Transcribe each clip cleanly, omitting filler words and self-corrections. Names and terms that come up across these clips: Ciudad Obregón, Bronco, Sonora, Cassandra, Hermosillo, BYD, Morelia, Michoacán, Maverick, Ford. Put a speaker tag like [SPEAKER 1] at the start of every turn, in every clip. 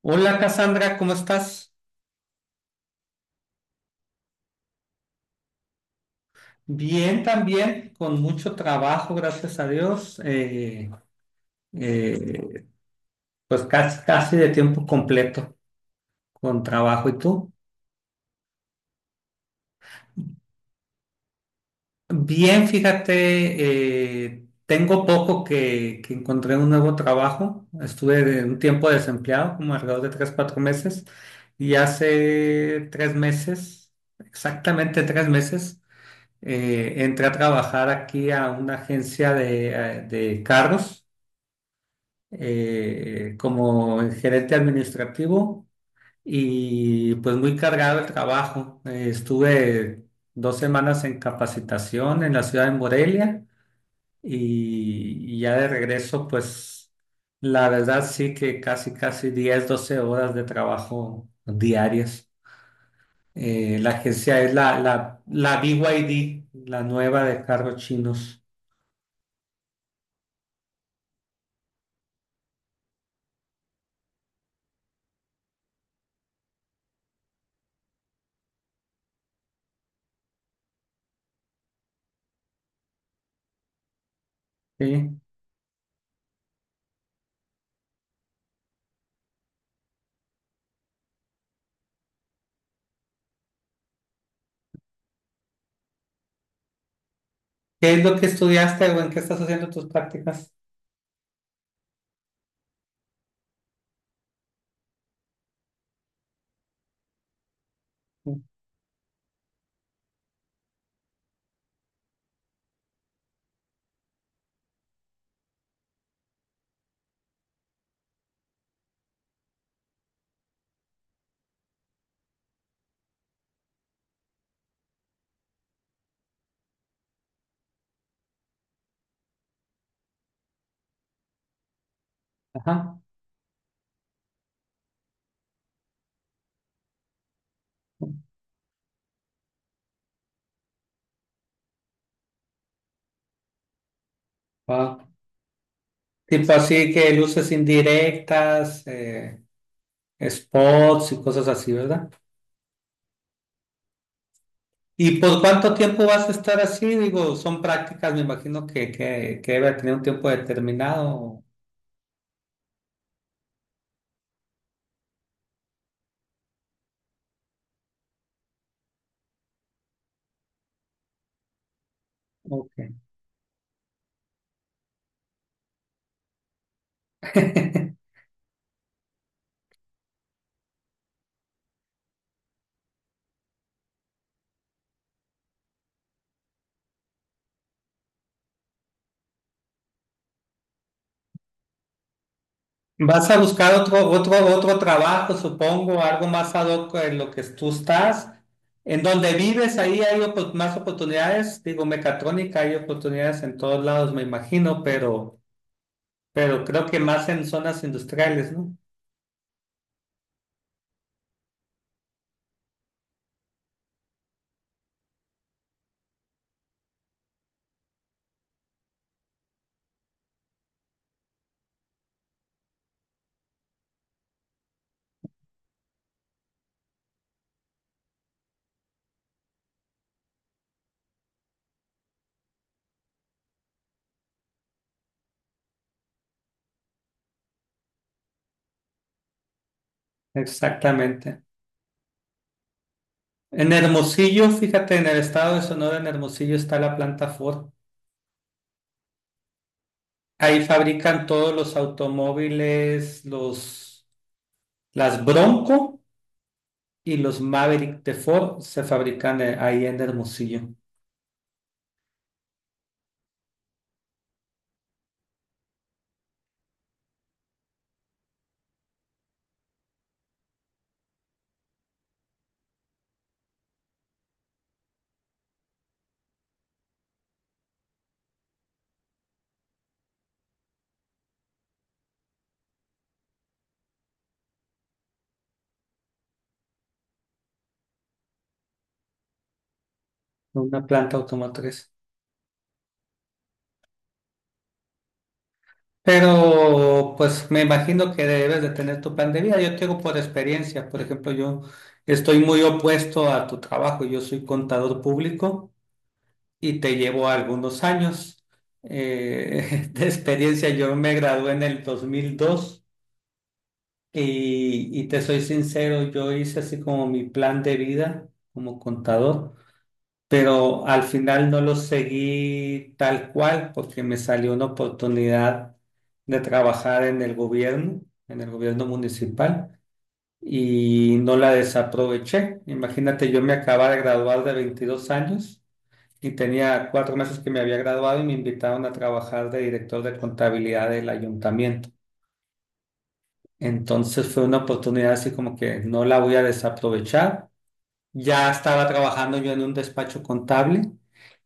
[SPEAKER 1] Hola, Cassandra, ¿cómo estás? Bien también, con mucho trabajo, gracias a Dios. Eh, pues casi, casi de tiempo completo con trabajo. ¿Y tú? Bien, fíjate, tengo poco que encontré un nuevo trabajo. Un tiempo desempleado, como alrededor de 3, 4 meses. Y hace 3 meses, exactamente 3 meses, entré a trabajar aquí a una agencia de carros. Como gerente administrativo y pues muy cargado el trabajo. Estuve 2 semanas en capacitación en la ciudad de Morelia y ya de regreso pues la verdad sí que casi casi 10 12 horas de trabajo diarias. La agencia es la B Y D la nueva de cargos chinos. ¿Sí? ¿Qué es lo que estudiaste o en qué estás haciendo tus prácticas? Ajá. Wao. Tipo así que luces indirectas, spots y cosas así, ¿verdad? ¿Y por cuánto tiempo vas a estar así? Digo, son prácticas, me imagino que debe tener un tiempo determinado. Ok. Vas a buscar otro trabajo, supongo, algo más ad hoc en lo que tú estás. En donde vives, ahí más oportunidades. Digo, mecatrónica, hay oportunidades en todos lados, me imagino, pero creo que más en zonas industriales, ¿no? Exactamente. En Hermosillo, fíjate, en el estado de Sonora, en Hermosillo está la planta Ford. Ahí fabrican todos los automóviles, los, las Bronco y los Maverick de Ford se fabrican ahí en Hermosillo, una planta automotriz. Pero pues me imagino que debes de tener tu plan de vida. Yo te digo por experiencia, por ejemplo, yo estoy muy opuesto a tu trabajo. Yo soy contador público y te llevó algunos años de experiencia. Yo me gradué en el 2002 y te soy sincero, yo hice así como mi plan de vida como contador, pero al final no lo seguí tal cual porque me salió una oportunidad de trabajar en el gobierno municipal. Y no la desaproveché. Imagínate, yo me acababa de graduar de 22 años y tenía 4 meses que me había graduado y me invitaron a trabajar de director de contabilidad del ayuntamiento. Entonces fue una oportunidad así como que no la voy a desaprovechar. Ya estaba trabajando yo en un despacho contable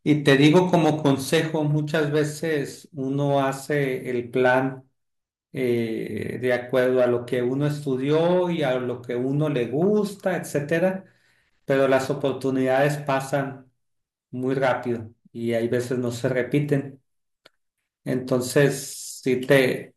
[SPEAKER 1] y te digo como consejo, muchas veces uno hace el plan de acuerdo a lo que uno estudió y a lo que uno le gusta, etcétera, pero las oportunidades pasan muy rápido y hay veces no se repiten. Entonces, sí te...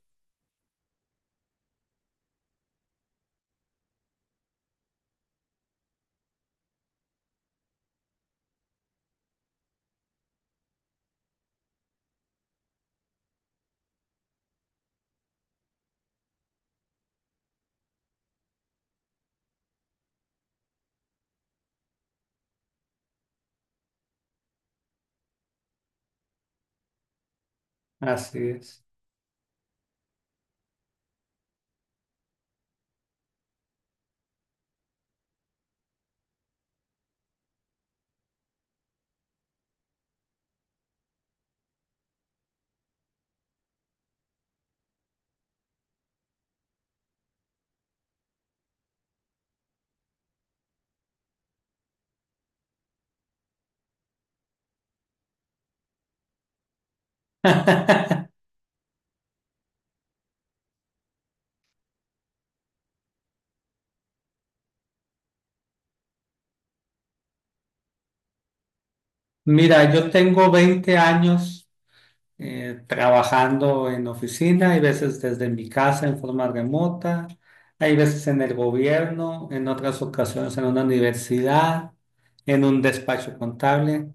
[SPEAKER 1] Así es. Mira, yo tengo 20 años trabajando en oficina, hay veces desde mi casa en forma remota, hay veces en el gobierno, en otras ocasiones en una universidad, en un despacho contable.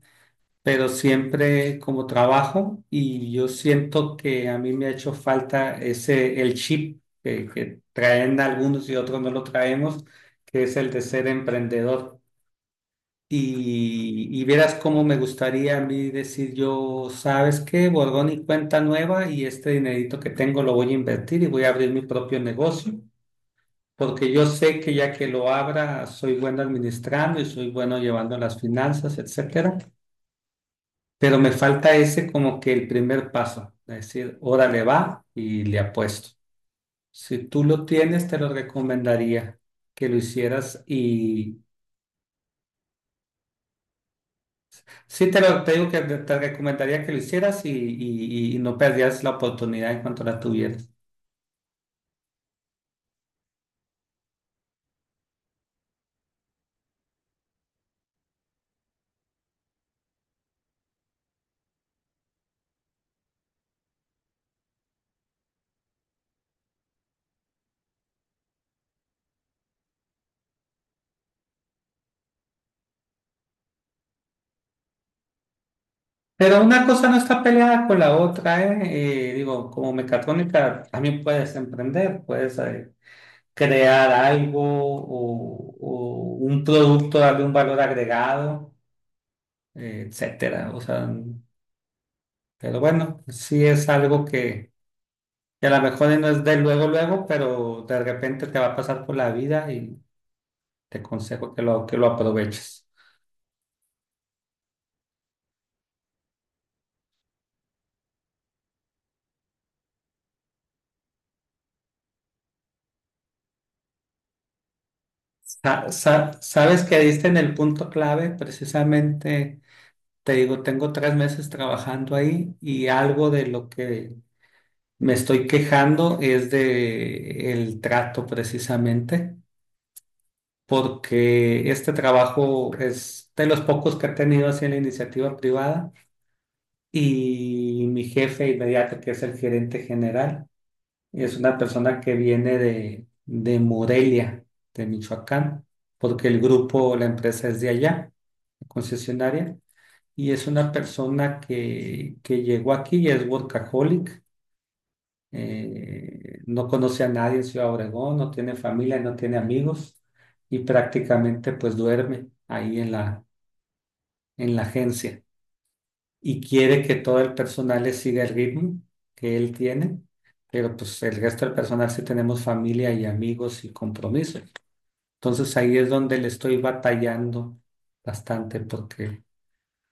[SPEAKER 1] Pero siempre como trabajo y yo siento que a mí me ha hecho falta ese, el chip que traen algunos y otros no lo traemos, que es el de ser emprendedor. Y vieras cómo me gustaría a mí decir yo, ¿sabes qué? Borgón y cuenta nueva y este dinerito que tengo lo voy a invertir y voy a abrir mi propio negocio, porque yo sé que ya que lo abra soy bueno administrando y soy bueno llevando las finanzas, etcétera. Pero me falta ese como que el primer paso, es decir, órale va y le apuesto. Si tú lo tienes, te lo recomendaría que lo hicieras y sí te lo te digo que te recomendaría que lo hicieras y no perdieras la oportunidad en cuanto la tuvieras. Pero una cosa no está peleada con la otra, ¿eh? Digo, como mecatrónica también puedes emprender, puedes crear algo o un producto, darle un valor agregado etcétera. O sea, pero bueno, sí es algo que a lo mejor no es de luego, luego, pero de repente te va a pasar por la vida y te aconsejo que lo aproveches. Sabes que diste en el punto clave, precisamente, te digo, tengo 3 meses trabajando ahí y algo de lo que me estoy quejando es de el trato precisamente porque este trabajo es de los pocos que he tenido así en la iniciativa privada. Y mi jefe inmediato, que es el gerente general, es una persona que viene de Morelia, de Michoacán, porque el grupo, la empresa es de allá, la concesionaria, y es una persona que llegó aquí y es workaholic, no conoce a nadie en Ciudad Obregón, no tiene familia, no tiene amigos, y prácticamente pues duerme ahí en la agencia. Y quiere que todo el personal le siga el ritmo que él tiene, pero pues el resto del personal sí tenemos familia y amigos y compromisos. Entonces ahí es donde le estoy batallando bastante porque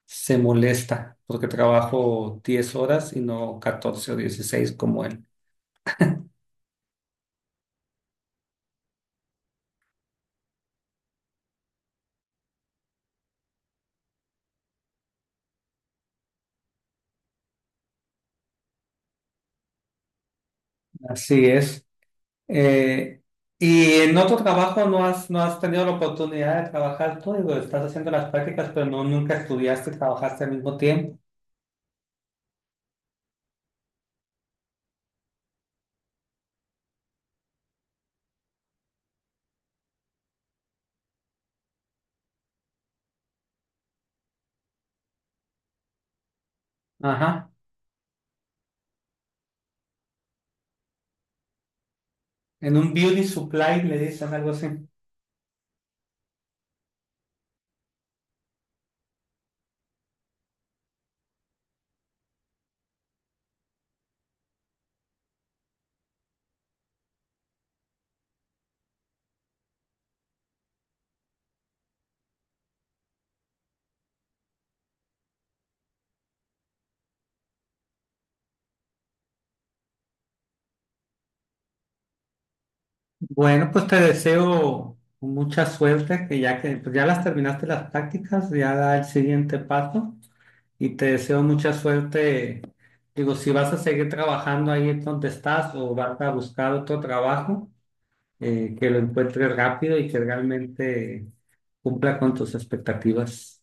[SPEAKER 1] se molesta, porque trabajo 10 horas y no 14 o 16 como él. Así es. Eh, ¿Y en otro trabajo no has, no has tenido la oportunidad de trabajar tú? Digo, estás haciendo las prácticas, pero no, nunca estudiaste, y trabajaste al mismo tiempo. Ajá. En un beauty supply le dicen algo así. Bueno, pues te deseo mucha suerte, que ya que pues ya las terminaste las prácticas, ya da el siguiente paso y te deseo mucha suerte. Digo, si vas a seguir trabajando ahí donde estás o vas a buscar otro trabajo, que lo encuentres rápido y que realmente cumpla con tus expectativas.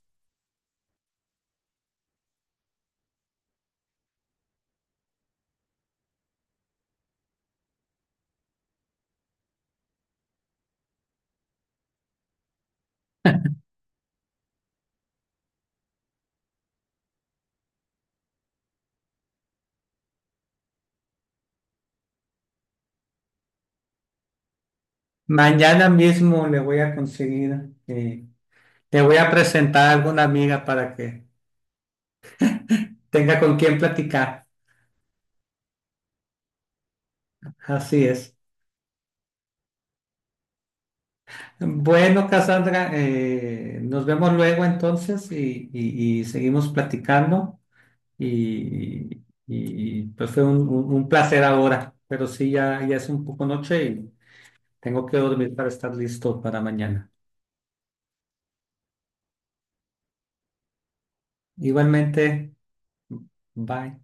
[SPEAKER 1] Mañana mismo le voy a conseguir, te voy a presentar a alguna amiga para que tenga con quien platicar. Así es. Bueno, Cassandra, nos vemos luego entonces y seguimos platicando. Y, y, pues fue un placer ahora, pero sí, ya, ya es un poco noche y tengo que dormir para estar listo para mañana. Igualmente, bye.